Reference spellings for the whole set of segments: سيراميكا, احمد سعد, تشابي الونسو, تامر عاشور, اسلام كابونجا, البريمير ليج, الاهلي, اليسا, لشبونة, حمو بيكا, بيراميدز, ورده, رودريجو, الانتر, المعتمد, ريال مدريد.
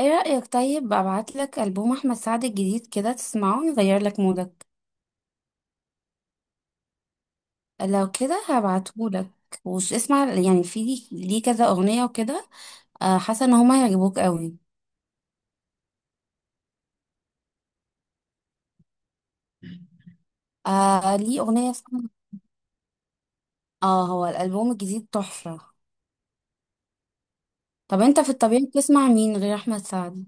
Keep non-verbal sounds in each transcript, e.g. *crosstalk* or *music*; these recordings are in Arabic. ايه رأيك؟ طيب ابعتلك ألبوم احمد سعد الجديد كده تسمعه، يغير لك مودك. لو كده هبعتهولك. وش اسمع يعني؟ في ليه كذا اغنية وكده. آه، حاسة ان هما هيعجبوك قوي. آه، ليه اغنية اسمها. اه، هو الألبوم الجديد تحفة. طب انت في الطبيعي بتسمع مين غير احمد سعد؟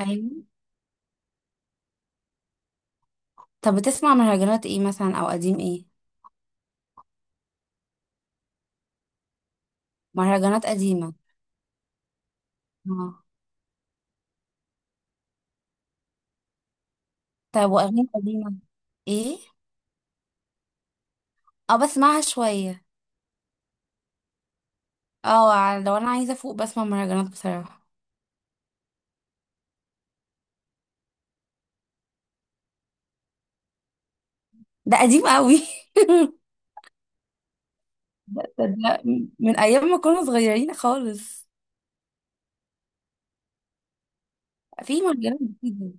ايوه. طب بتسمع مهرجانات ايه مثلا، او قديم ايه؟ مهرجانات قديمة. اه. طب واغاني قديمة؟ ايه؟ اه، بسمعها شوية. اه، لو انا عايزة افوق بسمع مهرجانات بصراحة. ده قديم قوي *laughs* ده ده, ده من ايام ما كنا صغيرين خالص. في مهرجانات كتير.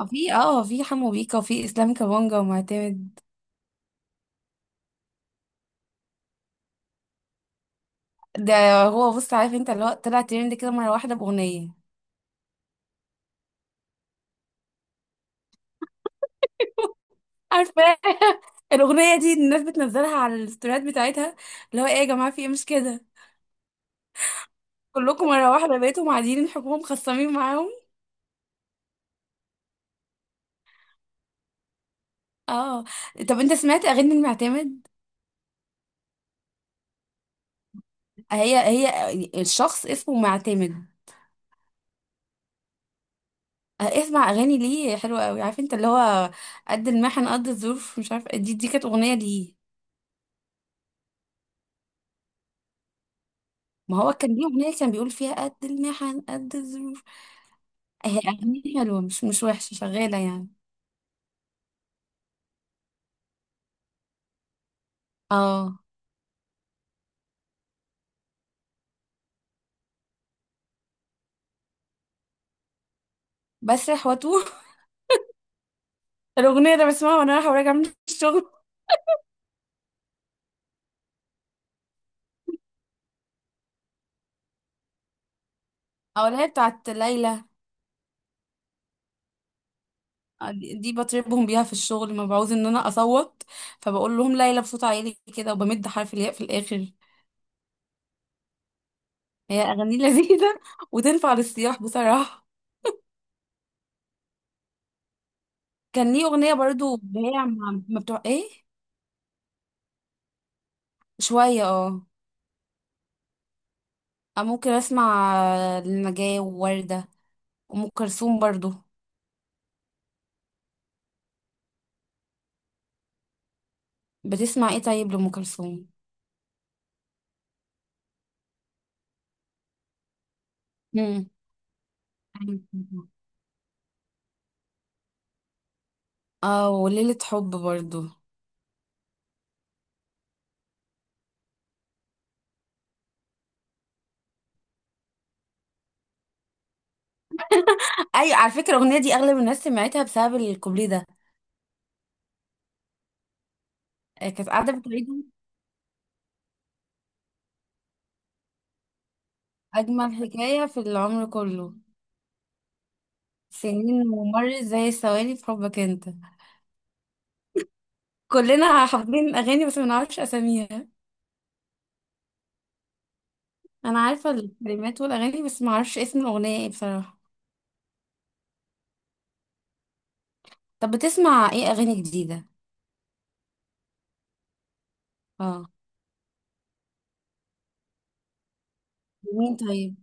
اه، في حمو بيكا وفي اسلام كابونجا ومعتمد. ده، هو بص، عارف انت اللي هو طلع ترند كده مره واحده باغنيه. عارفه *laughs* الاغنيه دي الناس بتنزلها على الستوريات بتاعتها، اللي هو ايه يا جماعه، في ايه؟ مش كده؟ كلكم مره واحده بقيتوا معادين الحكومه مخصمين معاهم. اه. طب انت سمعت اغاني المعتمد؟ هي الشخص اسمه معتمد. آه، اسمع اغاني ليه حلوه قوي، عارف انت اللي هو قد المحن قد الظروف، مش عارفه، دي كانت اغنيه ليه. ما هو كان ليه اغنيه كان بيقول فيها قد المحن قد الظروف. آه، هي اغنيه حلوه، مش وحشه، شغاله يعني. اه، بسرح واتوه *laughs* الاغنيه ده بسمعها وانا رايحه وراجعه من الشغل، او اللي هي بتاعت ليلى. آه، دي دي بطربهم بيها في الشغل، ما بعوز ان انا اصوت، فبقول لهم ليلى بصوت عالي كده، وبمد حرف الياء في الاخر. هي اغاني لذيذه *laughs* وتنفع للسياح بصراحه. كان ليه اغنيه برضو اللي هي مع- ما بتوع ايه. شويه اه. أنا ممكن اسمع لنجاة ووردة، وام كلثوم برضو. بتسمع ايه طيب لام كلثوم؟ امم. اه، وليلة حب برضو. ايوه، على فكره الاغنيه دي اغلب الناس سمعتها بسبب الكوبليه ده. كانت قاعده بتعيده: اجمل حكايه في العمر كله، سنين ومرت زي الثواني في حبك انت. كلنا حافظين اغاني بس ما نعرفش اساميها. انا عارفه الكلمات والاغاني، بس ما اعرفش اسم الاغنيه ايه بصراحه. طب بتسمع ايه اغاني جديده؟ اه. مين طيب؟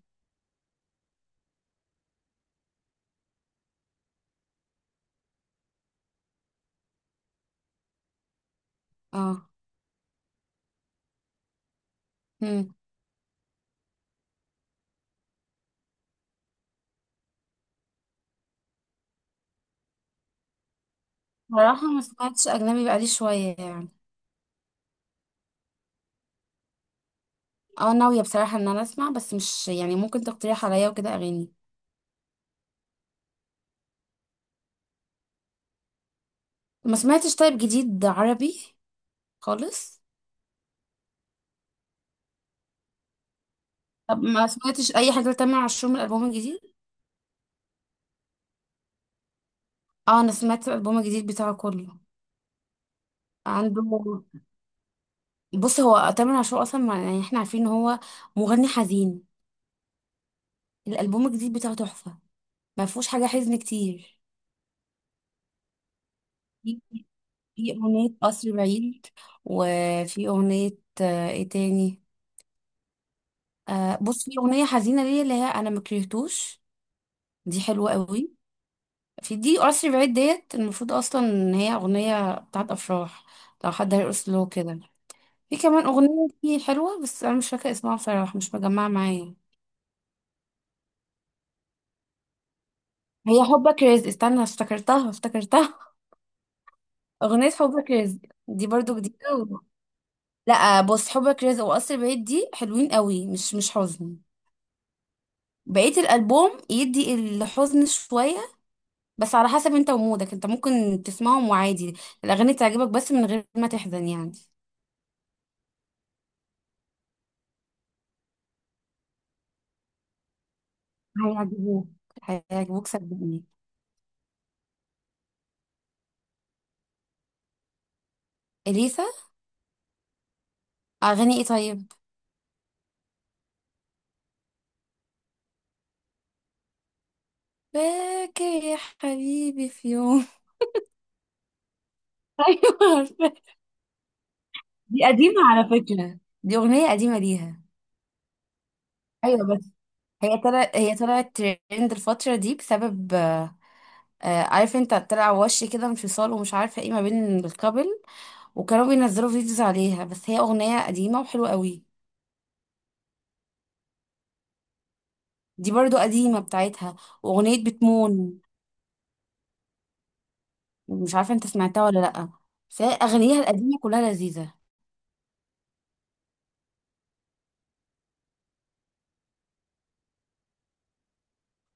اه. امم. بصراحه ما سمعتش اجنبي بقالي شويه يعني. اه، ناويه بصراحه ان انا اسمع، بس مش يعني ممكن تقترح عليا وكده اغاني. ما سمعتش طيب جديد عربي خالص. طب ما سمعتش اي حاجه لتامر عاشور من الالبوم الجديد؟ اه، انا سمعت الالبوم الجديد بتاعه كله. عنده. بص، هو تامر عاشور اصلا ما- يعني احنا عارفين ان هو مغني حزين. الالبوم الجديد بتاعه تحفه، ما فيهوش حاجه حزن كتير. في أغنية قصر بعيد، وفي أغنية آه، إيه تاني؟ آه، بص في أغنية حزينة ليا اللي هي أنا مكرهتوش، دي حلوة قوي. في دي قصر بعيد، ديت المفروض أصلا إن هي أغنية بتاعت أفراح، لو حد هيرقص له كده. في كمان أغنية دي حلوة، بس أنا مش فاكرة اسمها بصراحة، مش مجمعة معايا. هي حبك رزق، استنى، افتكرتها *laughs* أغنية حبك رزق. دي برضو جديدة و... لا، بص، حبك رزق وقصر بعيد دي حلوين قوي، مش حزن. بقية الألبوم يدي الحزن شوية، بس على حسب انت ومودك، انت ممكن تسمعهم وعادي، الأغاني تعجبك بس من غير ما تحزن يعني. هيعجبوك، هيعجبوك صدقني. إليسا. أغاني ايه طيب؟ باكي. يا حبيبي في يوم *laughs* أيوة، عارفة. دي قديمة على فكرة، دي أغنية قديمة ليها. أيوة بس، هي طلعت ترند الفترة دي بسبب آه، عارف انت، طلع وش كده انفصال ومش عارفة ايه ما بين الكابل، وكانوا بينزلوا فيديوز عليها، بس هي اغنيه قديمه وحلوه قوي. دي برضو قديمه بتاعتها، واغنيه بتمون. مش عارفه انت سمعتها ولا لا، بس هي اغانيها القديمه كلها لذيذه.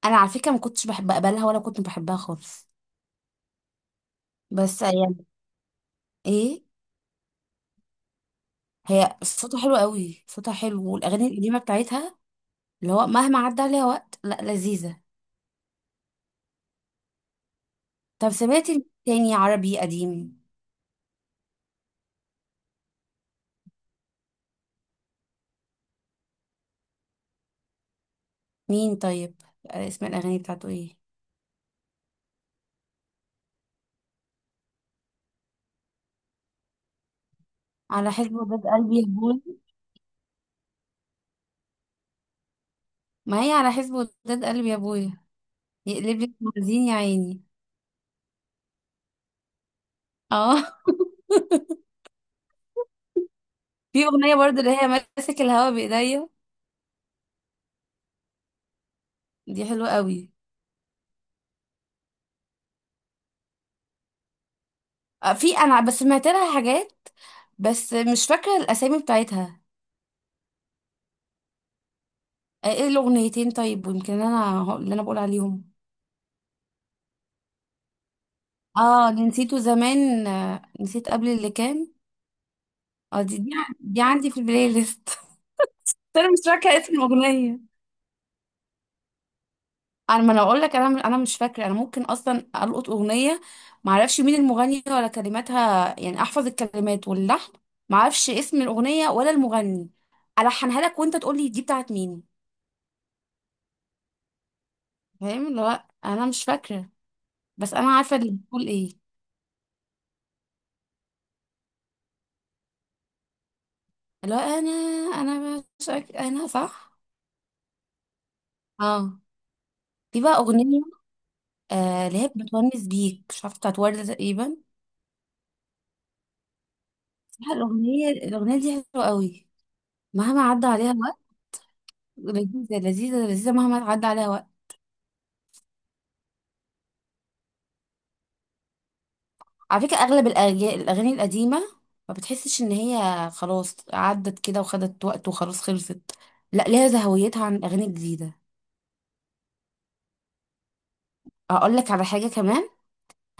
انا على فكره ما كنتش بحب اقبلها، ولا كنت بحبها خالص. بس يعني ايه، هي صوتها حلو قوي، صوتها حلو، والاغاني القديمه بتاعتها اللي هو مهما عدى عليها وقت، لا، لذيذه. طب سمعتي تاني عربي قديم؟ مين طيب؟ آه، اسم الاغاني بتاعته ايه؟ على حسب وداد قلبي يا ابويا. ما هي على حسب وداد قلبي يا ابويا، يقلب لك موازين يا عيني. اه *laughs* في اغنيه برضو اللي هي ماسك الهوا بايديا، دي حلوه قوي. آه، في انا بس سمعت لها حاجات، بس مش فاكره الاسامي بتاعتها. آه، ايه الاغنيتين طيب؟ ويمكن انا هو- اللي انا بقول عليهم. اه، اللي نسيته زمان، آه، نسيت قبل اللي كان. اه، دي عندي في البلاي ليست *laughs* بس انا مش فاكره اسم الاغنيه. انا، ما انا اقول لك، انا مش فاكره. انا ممكن اصلا القط اغنيه ما اعرفش مين المغني ولا كلماتها، يعني احفظ الكلمات واللحن، ما اعرفش اسم الاغنيه ولا المغني، الحنها لك وانت تقول لي دي بتاعت مين. فاهم اللي هو انا مش فاكره، بس انا عارفه اللي بتقول ايه. اللي هو انا، انا بشك انا صح. اه، دي بقى اغنيه آه اللي هي بتونس بيك، مش عارفه، بتاعت ورده تقريبا. بصراحة الاغنيه دي حلوه قوي، مهما عدى عليها الوقت. لذيذه لذيذه لذيذه، مهما عدى عليها وقت. على فكرة أغلب الأغاني القديمة ما بتحسش إن هي خلاص عدت كده وخدت وقت وخلاص خلصت، لا، ليها زهويتها عن الأغاني الجديدة. أقول لك على حاجة كمان.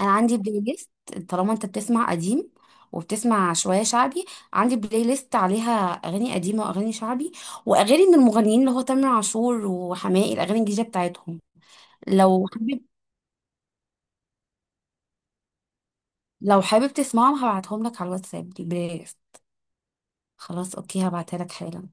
أنا عندي بلاي ليست، طالما أنت بتسمع قديم وبتسمع شوية شعبي، عندي بلاي ليست عليها أغاني قديمة وأغاني شعبي، وأغاني من المغنيين اللي هو تامر عاشور وحماقي، الأغاني الجديدة بتاعتهم. لو حابب، لو حابب تسمعهم هبعتهم لك على الواتساب البلاي ليست. خلاص، أوكي، هبعتها لك حالا.